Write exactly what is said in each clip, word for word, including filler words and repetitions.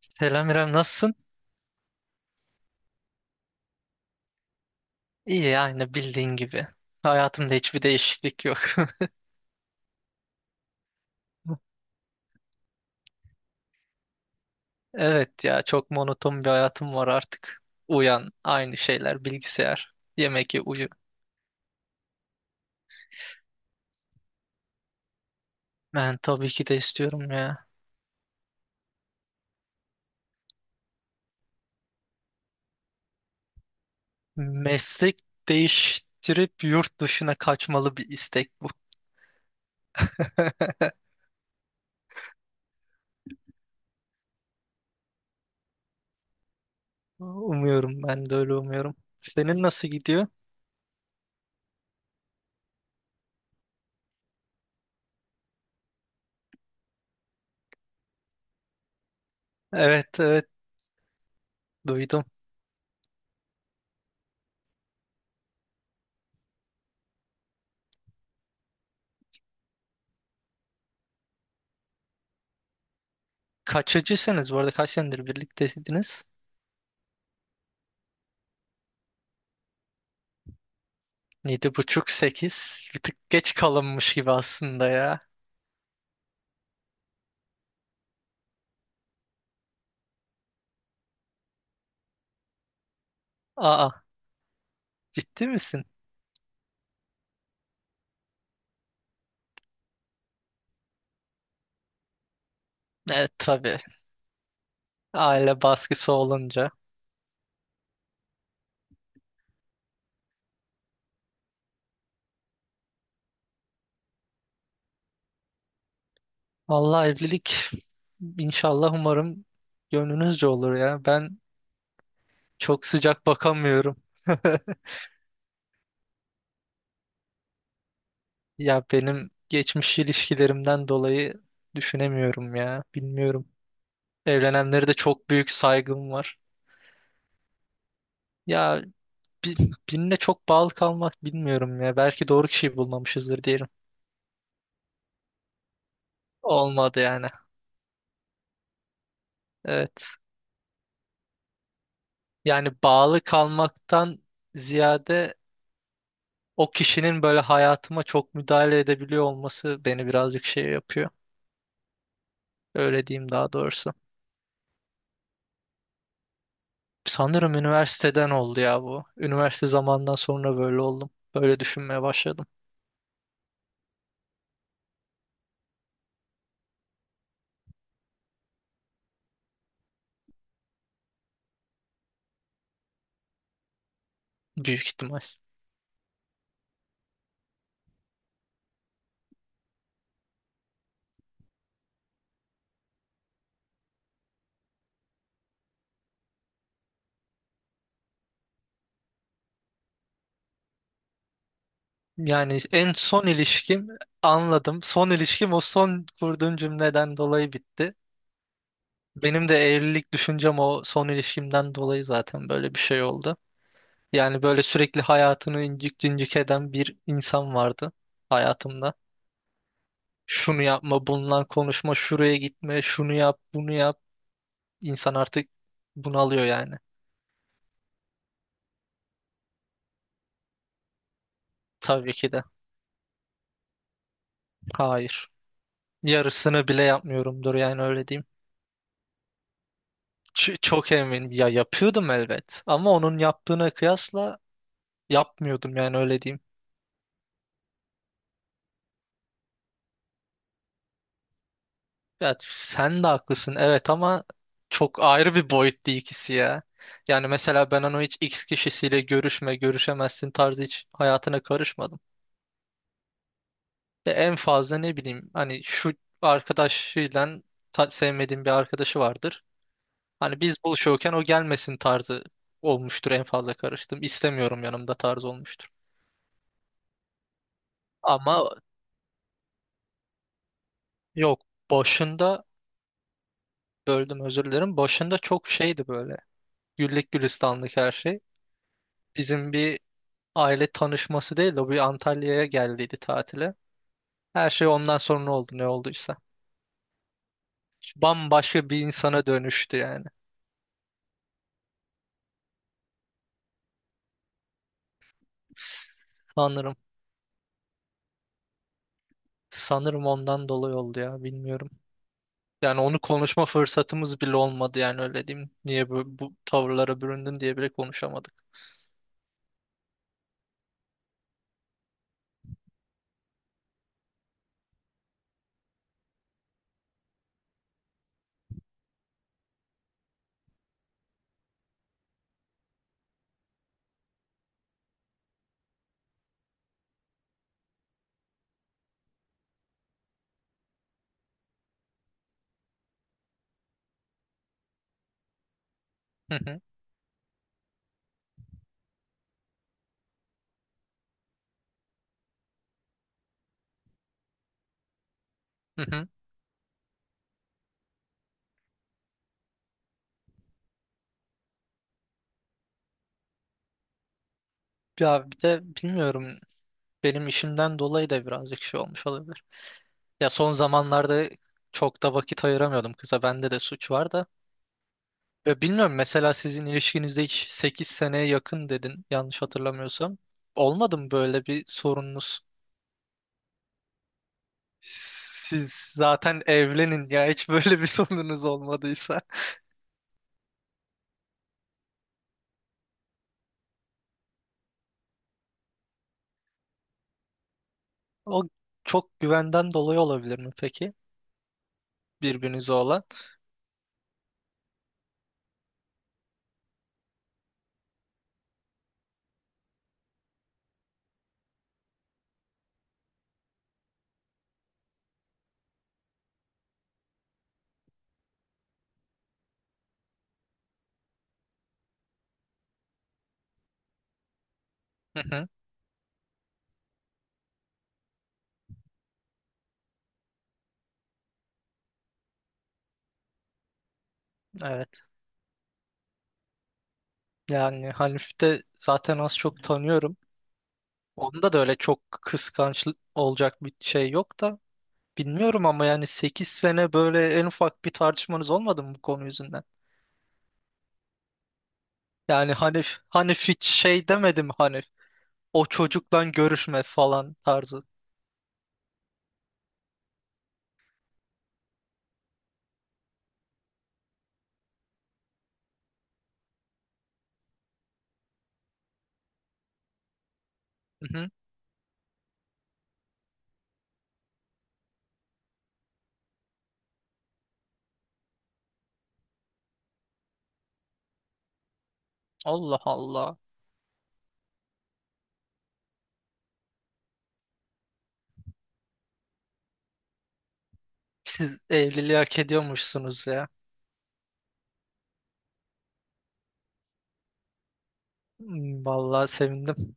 Selam İrem, nasılsın? İyi yani bildiğin gibi. Hayatımda hiçbir değişiklik yok. Evet ya çok monoton bir hayatım var artık. Uyan, aynı şeyler, bilgisayar, yemek ye, uyu. Ben tabii ki de istiyorum ya. Meslek değiştirip yurt dışına kaçmalı bir istek bu. Umuyorum ben de öyle umuyorum. Senin nasıl gidiyor? Evet, evet, duydum. Kaçıcısınız, bu arada kaç senedir birlikteydiniz? Yedi buçuk sekiz. Bir tık geç kalınmış gibi aslında ya. Aa, ciddi misin? Evet, tabii. Aile baskısı olunca. Vallahi evlilik inşallah umarım gönlünüzce olur ya. Ben çok sıcak bakamıyorum. Ya benim geçmiş ilişkilerimden dolayı düşünemiyorum ya. Bilmiyorum. Evlenenlere de çok büyük saygım var. Ya bi- birine çok bağlı kalmak bilmiyorum ya. Belki doğru kişiyi bulmamışızdır diyelim. Olmadı yani. Evet. Yani bağlı kalmaktan ziyade o kişinin böyle hayatıma çok müdahale edebiliyor olması beni birazcık şey yapıyor. Öyle diyeyim daha doğrusu. Sanırım üniversiteden oldu ya bu. Üniversite zamandan sonra böyle oldum. Böyle düşünmeye başladım. Büyük ihtimal. Yani en son ilişkim anladım. Son ilişkim o son kurduğum cümleden dolayı bitti. Benim de evlilik düşüncem o son ilişkimden dolayı zaten böyle bir şey oldu. Yani böyle sürekli hayatını incik cincik eden bir insan vardı hayatımda. Şunu yapma, bununla konuşma, şuraya gitme, şunu yap, bunu yap. İnsan artık bunalıyor yani. Tabii ki de. Hayır. Yarısını bile yapmıyorumdur yani öyle diyeyim. Ç- çok eminim. Ya yapıyordum elbet. Ama onun yaptığına kıyasla yapmıyordum yani öyle diyeyim. Ya sen de haklısın evet, ama çok ayrı bir boyutta ikisi ya. Yani mesela ben onu hiç X kişisiyle görüşme, görüşemezsin tarzı hiç hayatına karışmadım. Ve en fazla ne bileyim hani şu arkadaşıyla ta- sevmediğim bir arkadaşı vardır. Hani biz buluşuyorken o gelmesin tarzı olmuştur en fazla karıştım. İstemiyorum yanımda tarzı olmuştur. Ama yok, başında böldüm, özür dilerim. Başında çok şeydi böyle. Güllük gülistanlık her şey. Bizim bir aile tanışması değil de o bir Antalya'ya geldiydi tatile. Her şey ondan sonra oldu ne olduysa. Bambaşka bir insana dönüştü yani. Sanırım. Sanırım ondan dolayı oldu ya, bilmiyorum. Yani onu konuşma fırsatımız bile olmadı yani öyle diyeyim. Niye bu, bu tavırlara büründün diye bile konuşamadık. Hı hı, hı hı. Ya bir de bilmiyorum, benim işimden dolayı da birazcık şey olmuş olabilir. Ya son zamanlarda çok da vakit ayıramıyordum kıza. Bende de suç var da. Ya bilmiyorum, mesela sizin ilişkinizde hiç, sekiz seneye yakın dedin yanlış hatırlamıyorsam. Olmadı mı böyle bir sorununuz? Siz zaten evlenin ya, hiç böyle bir sorununuz olmadıysa. O çok güvenden dolayı olabilir mi peki? Birbirinize olan. Hı hı, evet. Yani Hanif'i de zaten az çok tanıyorum. Onda da öyle çok kıskanç olacak bir şey yok da. Bilmiyorum ama yani sekiz sene böyle en ufak bir tartışmanız olmadı mı bu konu yüzünden? Yani hani hani hiç şey demedim hani o çocukla görüşme falan tarzı. Hı-hı. Allah Allah. Siz evliliği hak ediyormuşsunuz ya. Hmm. Vallahi sevindim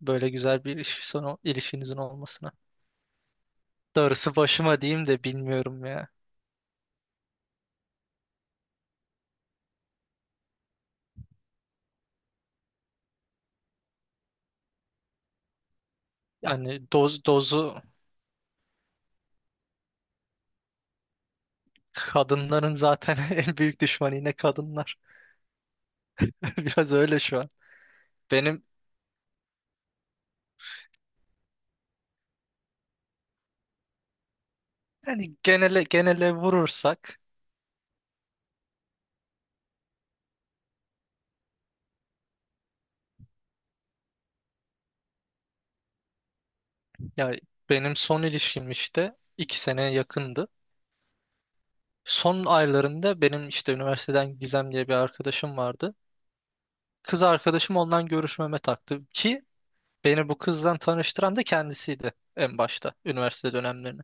böyle güzel bir ilişki sonu ilişkinizin olmasına. Darısı başıma diyeyim de bilmiyorum ya. Yani doz dozu kadınların zaten en büyük düşmanı yine kadınlar. Biraz öyle şu an. Benim yani genele genele vurursak yani benim son ilişkim işte iki sene yakındı. Son aylarında benim işte üniversiteden Gizem diye bir arkadaşım vardı. Kız arkadaşım ondan görüşmeme taktı ki beni bu kızdan tanıştıran da kendisiydi en başta üniversite dönemlerini.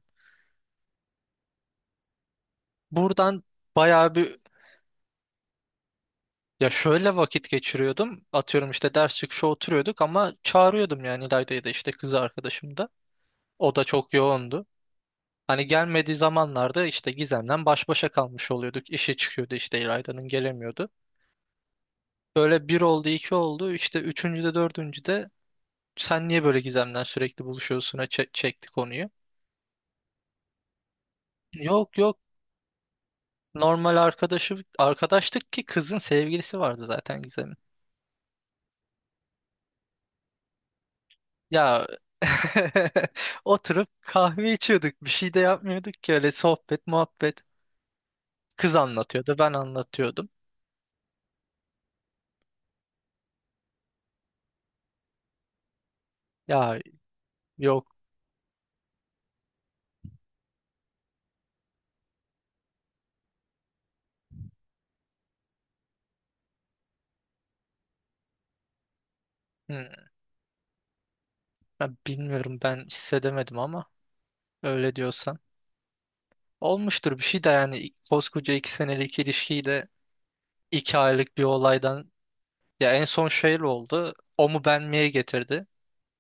Buradan bayağı bir ya şöyle vakit geçiriyordum. Atıyorum işte ders çıkışı oturuyorduk ama çağırıyordum yani İlayda'yı da, işte kız arkadaşım da. O da çok yoğundu. Hani gelmediği zamanlarda işte Gizem'den baş başa kalmış oluyorduk. İşi çıkıyordu işte, İlayda'nın gelemiyordu. Böyle bir oldu, iki oldu. İşte üçüncüde, dördüncüde sen niye böyle Gizem'den sürekli buluşuyorsun'a çe- çekti konuyu. Yok, yok, normal arkadaşı arkadaştık ki kızın sevgilisi vardı zaten Gizem'in. Ya oturup kahve içiyorduk, bir şey de yapmıyorduk ki, öyle sohbet muhabbet. Kız anlatıyordu, ben anlatıyordum. Ya yok, hmm, ya bilmiyorum ben hissedemedim ama öyle diyorsan. Olmuştur bir şey de yani, koskoca iki senelik ilişkiyi de iki aylık bir olaydan, ya en son şey oldu. O mu ben miye getirdi.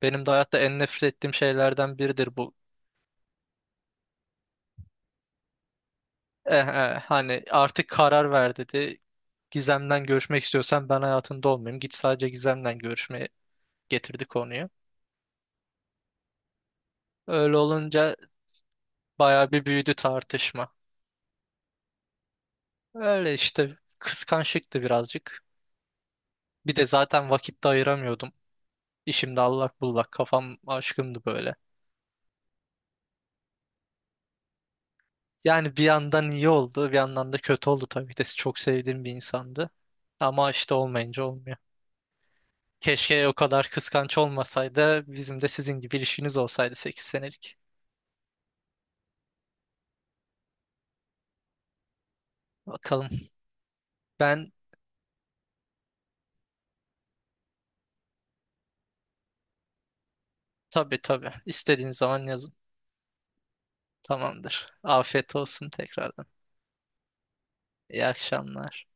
Benim de hayatta en nefret ettiğim şeylerden biridir bu. Eh, eh, hani artık karar ver dedi. Gizem'den görüşmek istiyorsan ben hayatında olmayayım. Git sadece Gizem'den görüşmeye getirdi konuyu. Öyle olunca bayağı bir büyüdü tartışma. Öyle işte kıskançlıktı birazcık. Bir de zaten vakit de ayıramıyordum. İşimde allak bullak kafam, aşkımdı böyle. Yani bir yandan iyi oldu, bir yandan da kötü oldu, tabii ki de çok sevdiğim bir insandı. Ama işte olmayınca olmuyor. Keşke o kadar kıskanç olmasaydı. Bizim de sizin gibi ilişkiniz olsaydı sekiz senelik. Bakalım. Ben tabii tabii. İstediğin zaman yazın. Tamamdır. Afiyet olsun tekrardan. İyi akşamlar.